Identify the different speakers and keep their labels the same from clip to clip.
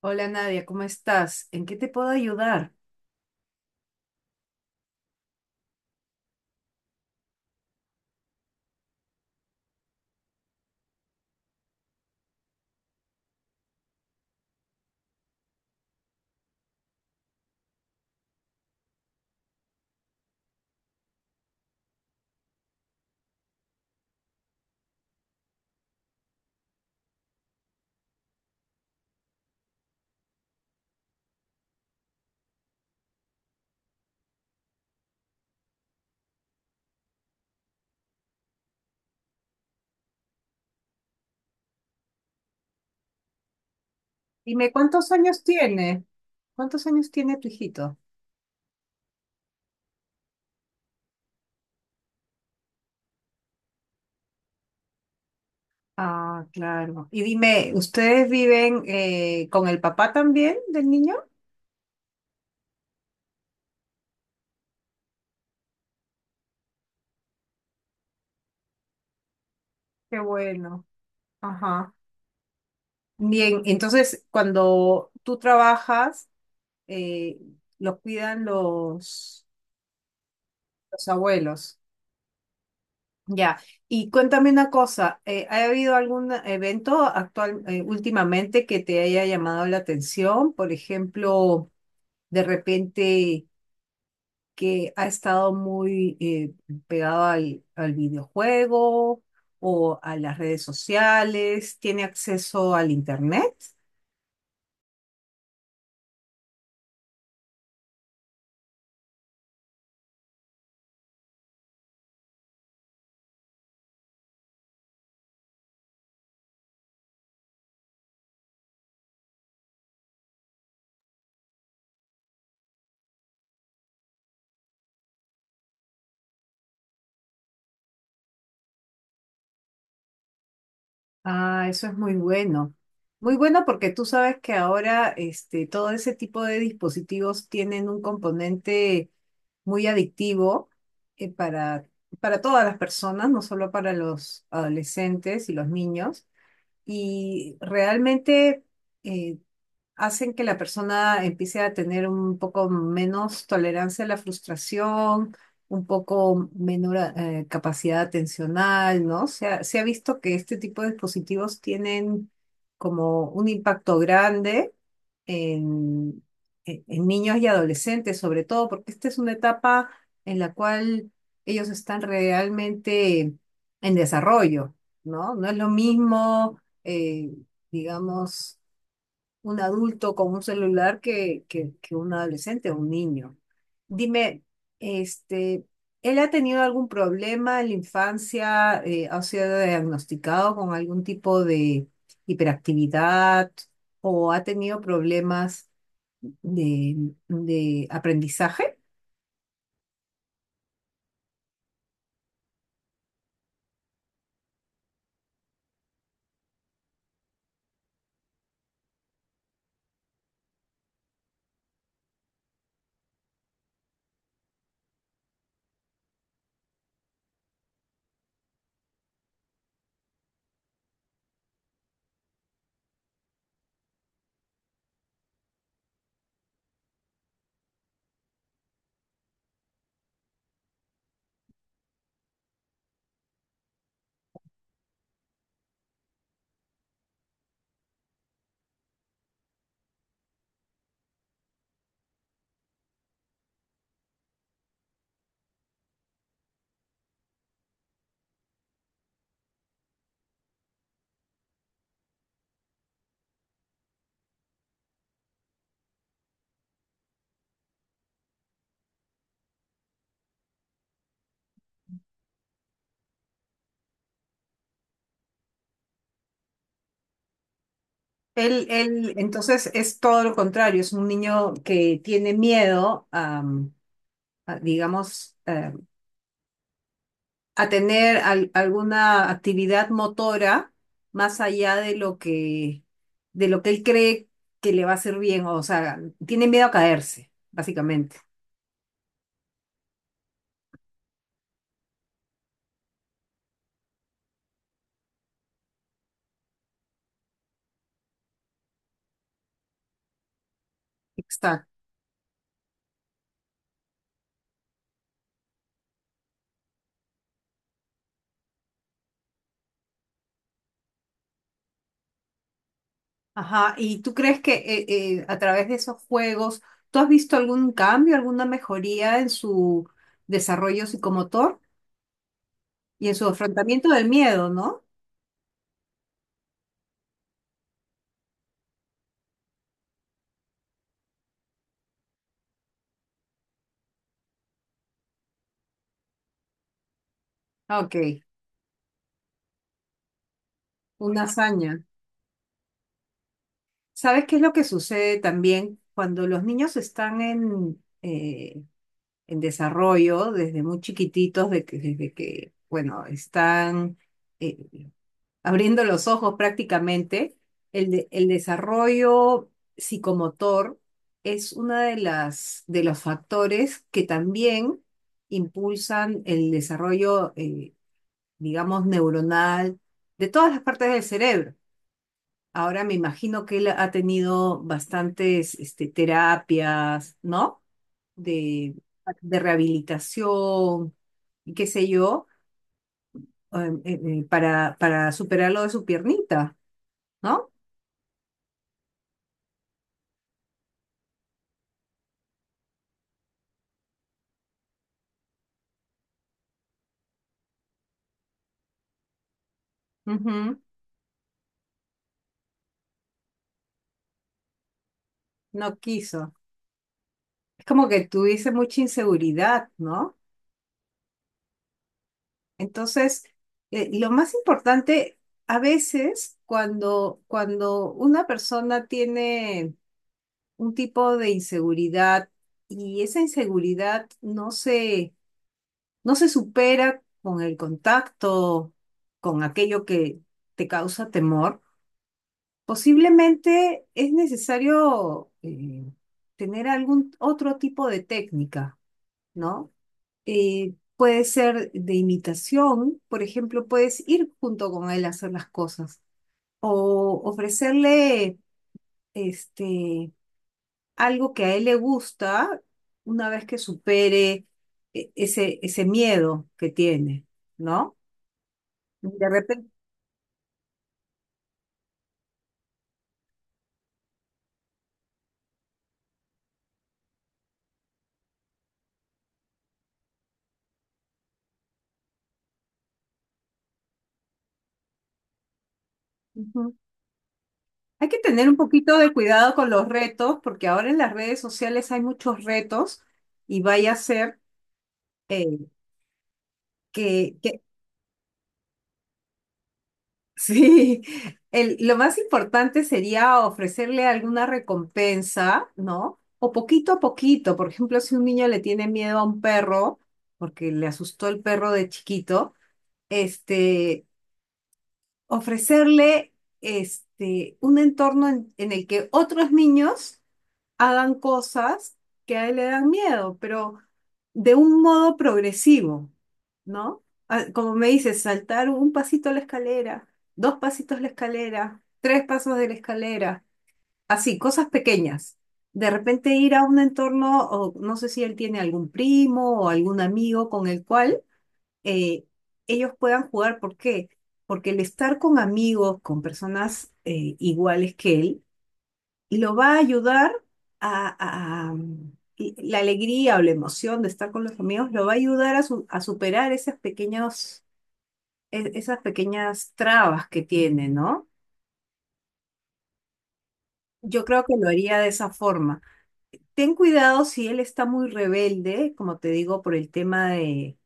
Speaker 1: Hola Nadia, ¿cómo estás? ¿En qué te puedo ayudar? Dime, ¿cuántos años tiene? ¿Cuántos años tiene tu hijito? Ah, claro. Y dime, ¿ustedes viven con el papá también del niño? Qué bueno. Ajá. Bien, entonces cuando tú trabajas, eh, los cuidan los abuelos. Ya. Y cuéntame una cosa, ¿ha habido algún evento actual, últimamente que te haya llamado la atención? Por ejemplo, de repente que ha estado muy pegado al videojuego o a las redes sociales, tiene acceso al internet. Ah, eso es muy bueno. Muy bueno porque tú sabes que ahora este, todo ese tipo de dispositivos tienen un componente muy adictivo eh, para, para todas las personas, no solo para los adolescentes y los niños. Y realmente eh, hacen que la persona empiece a tener un poco menos tolerancia a la frustración, un poco menor capacidad atencional, ¿no? Se ha visto que este tipo de dispositivos tienen como un impacto grande en, en niños y adolescentes, sobre todo porque esta es una etapa en la cual ellos están realmente en desarrollo, ¿no? No es lo mismo, digamos un adulto con un celular que un adolescente o un niño. Dime, este, ¿él ha tenido algún problema en la infancia? ¿Ha sido diagnosticado con algún tipo de hiperactividad o ha tenido problemas de, de aprendizaje? Entonces es todo lo contrario, es un niño que tiene miedo digamos, a tener alguna actividad motora más allá de de lo que él cree que le va a hacer bien, o sea, tiene miedo a caerse, básicamente. Exacto. Ajá, ¿y tú crees que a través de esos juegos, tú has visto algún cambio, alguna mejoría en su desarrollo psicomotor y en su afrontamiento del miedo, ¿no? Ok, una hazaña. ¿Sabes qué es lo que sucede también cuando los niños están en desarrollo desde muy chiquititos, desde que, bueno, están eh, abriendo los ojos prácticamente, el desarrollo psicomotor es una de de los factores que también impulsan el desarrollo, digamos, neuronal de todas las partes del cerebro. Ahora me imagino que él ha tenido bastantes este, terapias, ¿no? De, de rehabilitación, y qué sé yo, para superar lo de su piernita, ¿no? Ujú. No quiso. Es como que tuviese mucha inseguridad, ¿no? Entonces, lo más importante, a veces, cuando una persona tiene un tipo de inseguridad y esa inseguridad no se supera con el contacto, con aquello que te causa temor. Posiblemente es necesario tener algún otro tipo de técnica, ¿no? Puede ser de imitación, por ejemplo, puedes ir junto con él a hacer las cosas o ofrecerle este, algo que a él le gusta una vez que supere ese miedo que tiene, ¿no? De repente, ujú. Hay que tener un poquito de cuidado con los retos, porque ahora en las redes sociales hay muchos retos y vaya a ser eh, que, que- sí, lo más importante sería ofrecerle alguna recompensa, ¿no? O poquito a poquito, por ejemplo, si un niño le tiene miedo a un perro, porque le asustó el perro de chiquito, este, ofrecerle este, un entorno en el que otros niños hagan cosas que a él le dan miedo, pero de un modo progresivo, ¿no? Ah, como me dices, saltar un pasito a la escalera, dos pasitos a la escalera, tres pasos de la escalera, así, cosas pequeñas. De repente ir a un entorno, o no sé si él tiene algún primo o algún amigo con el cual eh, ellos puedan jugar. ¿Por qué? Porque el estar con amigos, con personas iguales que él, lo va a ayudar a, a- y la alegría o la emoción de estar con los amigos, lo va a ayudar a, a superar esas pequeñas trabas que tiene, ¿no? Yo creo que lo haría de esa forma. Ten cuidado si él está muy rebelde, como te digo, por el tema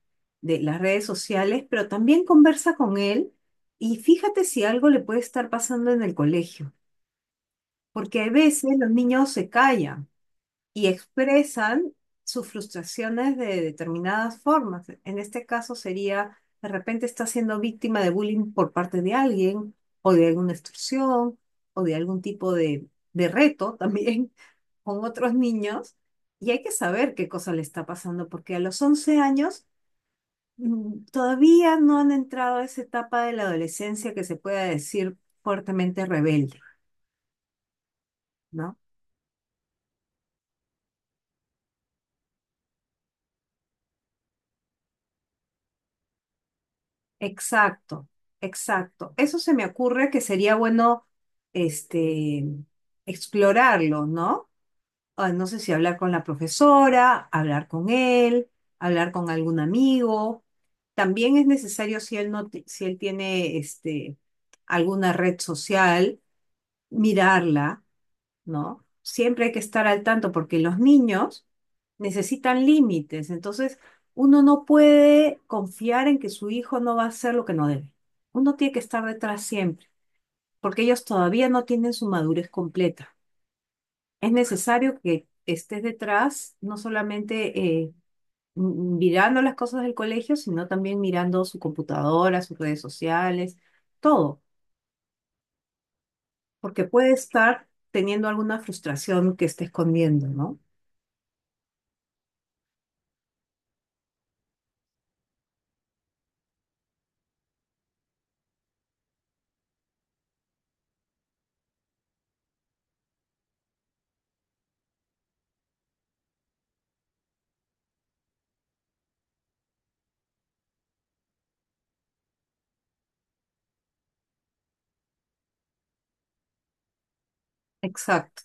Speaker 1: de las redes sociales, pero también conversa con él y fíjate si algo le puede estar pasando en el colegio, porque a veces los niños se callan y expresan sus frustraciones de determinadas formas. En este caso sería, de repente está siendo víctima de bullying por parte de alguien o de alguna extorsión o de algún tipo de reto también con otros niños y hay que saber qué cosa le está pasando, porque a los 11 años mm, todavía no han entrado a esa etapa de la adolescencia que se pueda decir fuertemente rebelde, ¿no? Exacto, exacto. Eso se me ocurre que sería bueno, este, explorarlo, ¿no? Ah, no sé si hablar con la profesora, hablar con él, hablar con algún amigo. También es necesario si él si él tiene este, alguna red social, mirarla, ¿no? Siempre hay que estar al tanto porque los niños necesitan límites. Entonces, uno no puede confiar en que su hijo no va a hacer lo que no debe. Uno tiene que estar detrás siempre, porque ellos todavía no tienen su madurez completa. Es necesario que estés detrás, no solamente eh, mirando las cosas del colegio, sino también mirando su computadora, sus redes sociales, todo, porque puede estar teniendo alguna frustración que esté escondiendo, ¿no? Exacto,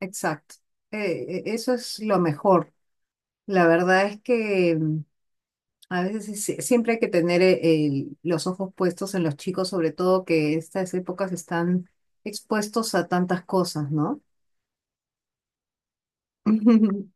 Speaker 1: exacto. Eso es lo mejor. La verdad es que mm, a veces siempre hay que tener los ojos puestos en los chicos, sobre todo que estas épocas están expuestos a tantas cosas, ¿no?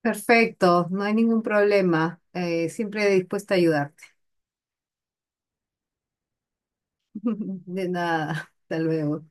Speaker 1: Perfecto, no hay ningún problema. Siempre dispuesta a ayudarte. De nada, hasta luego.